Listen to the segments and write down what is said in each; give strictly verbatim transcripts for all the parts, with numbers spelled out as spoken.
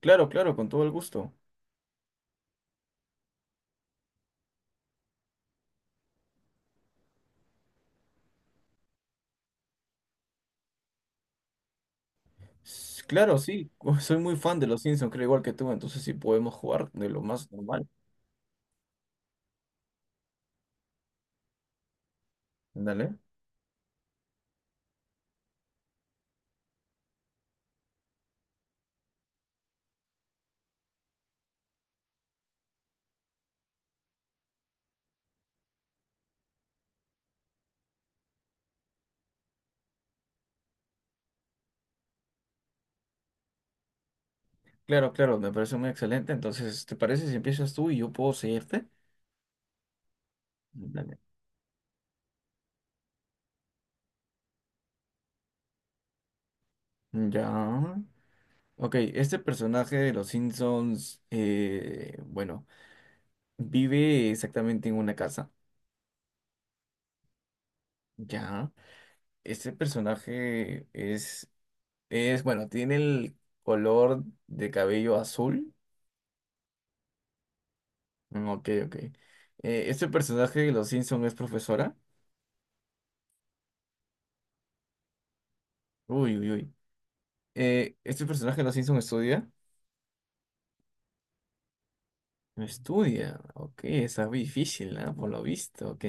Claro, claro, con todo el gusto. S- Claro, sí, soy muy fan de los Simpsons, creo igual que tú, entonces sí podemos jugar de lo más normal. Dale. Claro, claro, me parece muy excelente. Entonces, ¿te parece si empiezas tú y yo puedo seguirte? Dale. Ya. Ok, este personaje de los Simpsons, eh, bueno, vive exactamente en una casa. Ya. Este personaje es, es, bueno, tiene el color de cabello azul. Mm, ok, ok. Eh, ¿este personaje de Los Simpson es profesora? Uy, uy, uy. Eh, ¿este personaje de Los Simpson estudia? No estudia. Ok, esa es difícil, ¿ah? Por lo visto. Ok.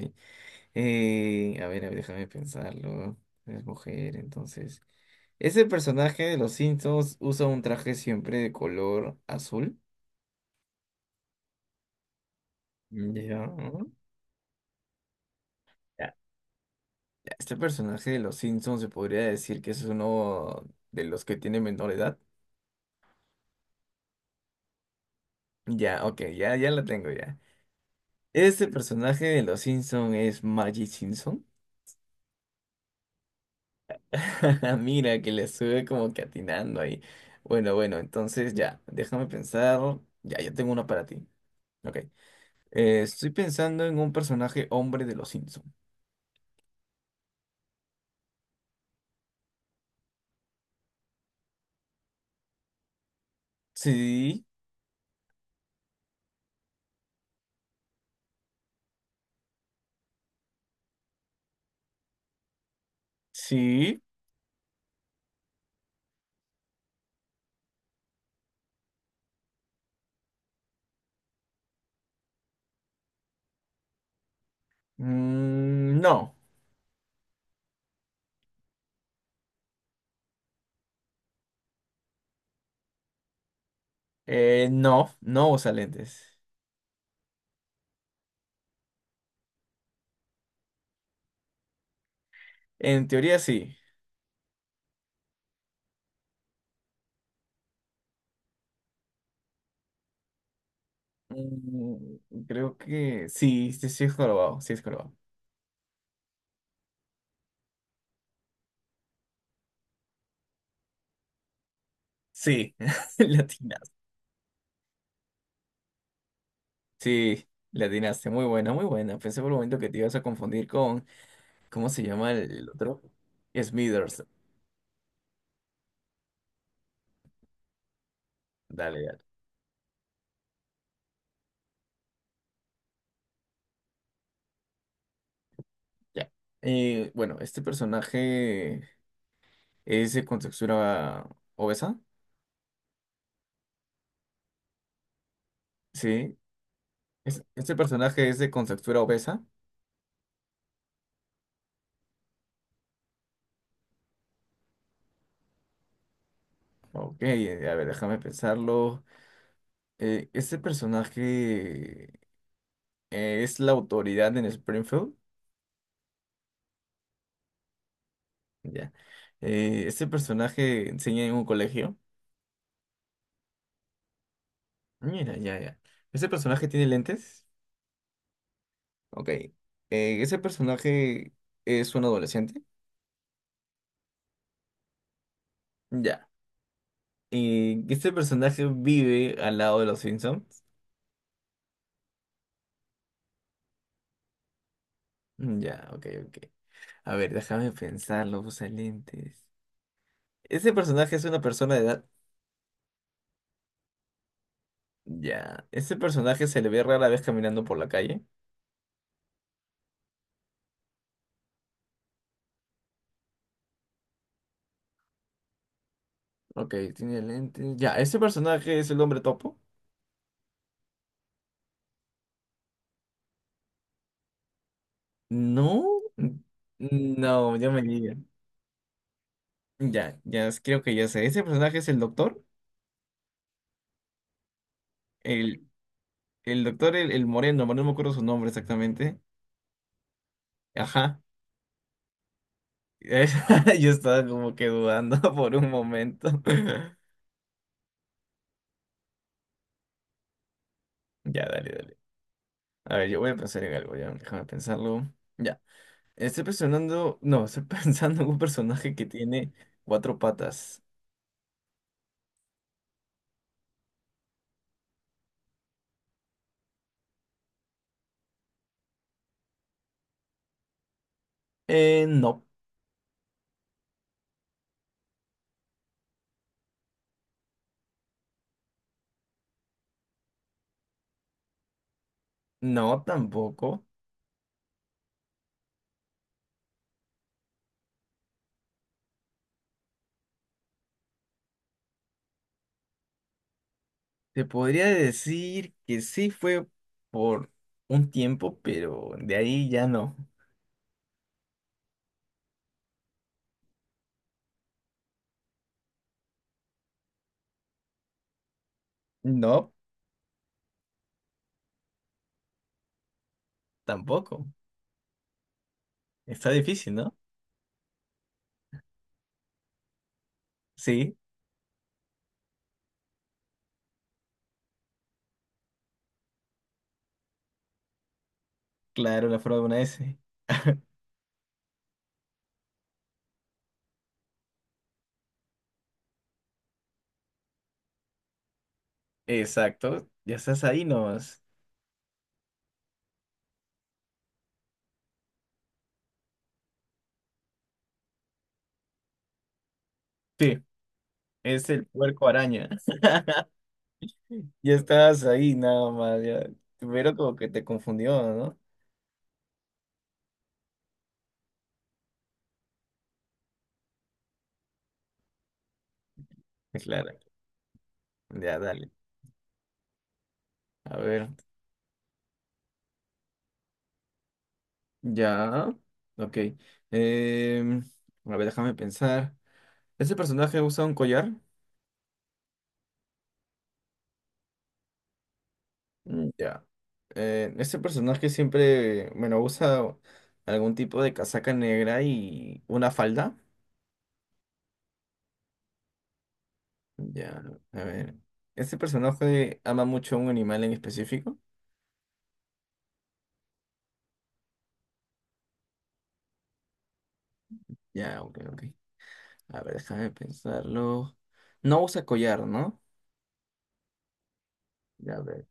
Eh, a ver, a ver, déjame pensarlo. Es mujer, entonces. ¿Ese personaje de Los Simpsons usa un traje siempre de color azul? Mm, ya. ¿No? Ya, ya. Este personaje de Los Simpsons se podría decir que es uno de los que tiene menor edad. Ya, ok, ya, ya la tengo ya. Este personaje de Los Simpson es Maggie Simpson. Mira, que le sube como que atinando ahí. Bueno, bueno, entonces ya, déjame pensar. Ya, ya tengo uno para ti. Ok. Eh, estoy pensando en un personaje hombre de Los Simpson. Sí, sí. Mm, no. Eh, no, no usa lentes. En teoría sí. Mm, creo que sí, sí, sí es jorobado, sí es jorobado. Sí, latina. Sí, la atinaste. Muy buena, muy buena. Pensé por un momento que te ibas a confundir con, ¿cómo se llama el, el otro? Smithers. Dale, dale. Ya. Eh, bueno, este personaje es de contextura obesa. Sí. Es- este personaje es de contextura obesa. Ok, eh, a ver, déjame pensarlo. Eh, este personaje eh, es la autoridad en Springfield. Ya. Eh, este personaje enseña en un colegio. Mira, ya, ya. ¿Este personaje tiene lentes? Ok. Eh, ese personaje es un adolescente. Ya. Y este personaje vive al lado de los Simpsons. Mm, ya, ok, ok. A ver, déjame pensarlo, usa lentes. ¿Ese personaje es una persona de edad? Ya. ¿Ese personaje se le ve rara vez caminando por la calle? Ok, tiene lentes. Ya, ¿ese personaje es el hombre topo? No. N- No, ya me digan. Ya, ya, creo que ya sé. ¿Ese personaje es el doctor? El doctor, el, el moreno, no me acuerdo su nombre exactamente. Ajá. Es- Yo estaba como que dudando por un momento. Ya, dale, dale. A ver, yo voy a pensar en algo, ya. Déjame pensarlo. Ya. Estoy pensando, no, estoy pensando en un personaje que tiene cuatro patas. Eh, no, no, tampoco. Te podría decir que sí fue por un tiempo, pero de ahí ya no. No, tampoco. Está difícil, ¿no? Sí. Claro, la forma de una S. Exacto, ya estás ahí nomás. Sí, es el puerco araña. Ya estás ahí nada más, ya. Pero como que te confundió, ¿no? Claro, ya dale. A ver, ya. Ok. Em, a ver, déjame pensar. ¿Ese personaje usa un collar? Mm, ya. Eh, este personaje siempre, bueno, usa algún tipo de casaca negra y una falda. Ya, a ver. ¿Este personaje ama mucho a un animal en específico? Ya, ok, ok. A ver, déjame pensarlo. No usa collar, ¿no? Ya, a ver.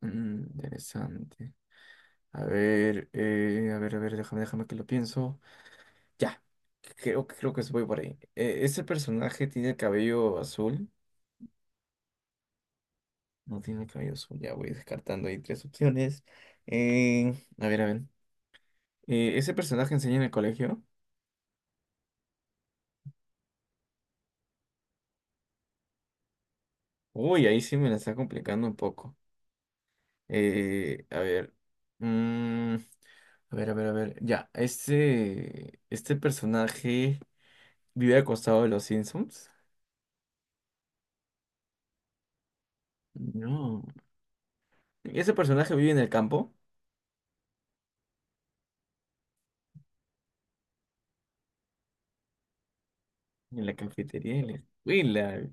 Mm, interesante. A ver, eh, a ver, a ver, déjame, déjame que lo pienso. Ya, creo, creo que se voy por ahí. Eh, ¿ese personaje tiene el cabello azul? No tiene el cabello azul, ya voy descartando ahí tres opciones. Eh, a ver, a ver. Eh, ¿ese personaje enseña en el colegio? Uy, ahí sí me la está complicando un poco. Eh, a ver. Mm, a ver, a ver, a ver. Ya, este, este personaje vive al costado de los Simpsons. No. Ese personaje vive en el campo, en la cafetería, en la escuela.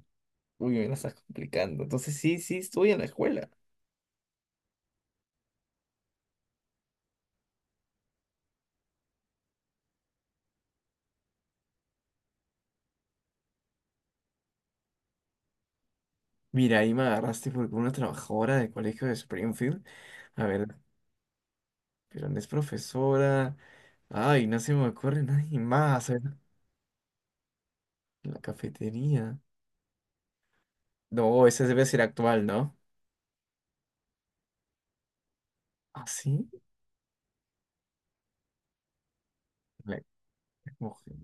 Uy, me la estás complicando. Entonces sí, sí, estoy en la escuela. Mira, ahí me agarraste porque una trabajadora del colegio de Springfield. A ver, pero no es profesora. Ay, no se me ocurre nadie más. A ver, en la cafetería. No, ese debe ser actual, ¿no? ¿Ah, sí? Le- Mujer.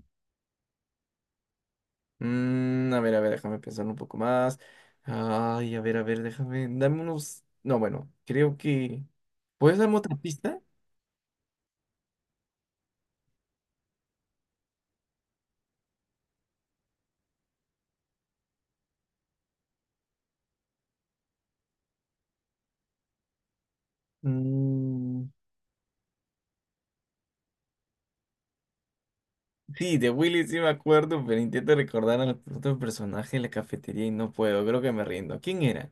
Mm, a ver, a ver, déjame pensar un poco más. Ay, a ver, a ver, déjame. Dame unos. No, bueno, creo que. ¿Puedes darme otra pista? Mm, sí, de Willy sí me acuerdo, pero intento recordar al otro personaje en la cafetería y no puedo. Creo que me rindo. ¿Quién era?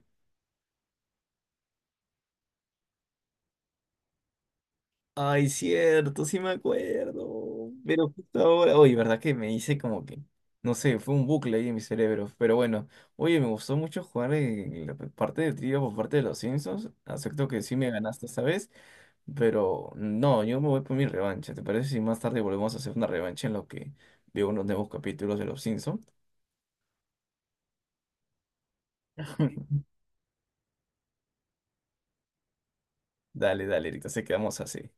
Ay, cierto, sí me acuerdo. Pero justo ahora, oye, ¿verdad que me hice como que, no sé, fue un bucle ahí en mi cerebro? Pero bueno, oye, me gustó mucho jugar en la parte de trivia por parte de los Simpsons. Acepto que sí me ganaste esta vez, pero no, yo me voy por mi revancha. ¿Te parece si más tarde volvemos a hacer una revancha en lo que veo unos nuevos capítulos de los Simpsons? Dale, dale, ahorita se quedamos así.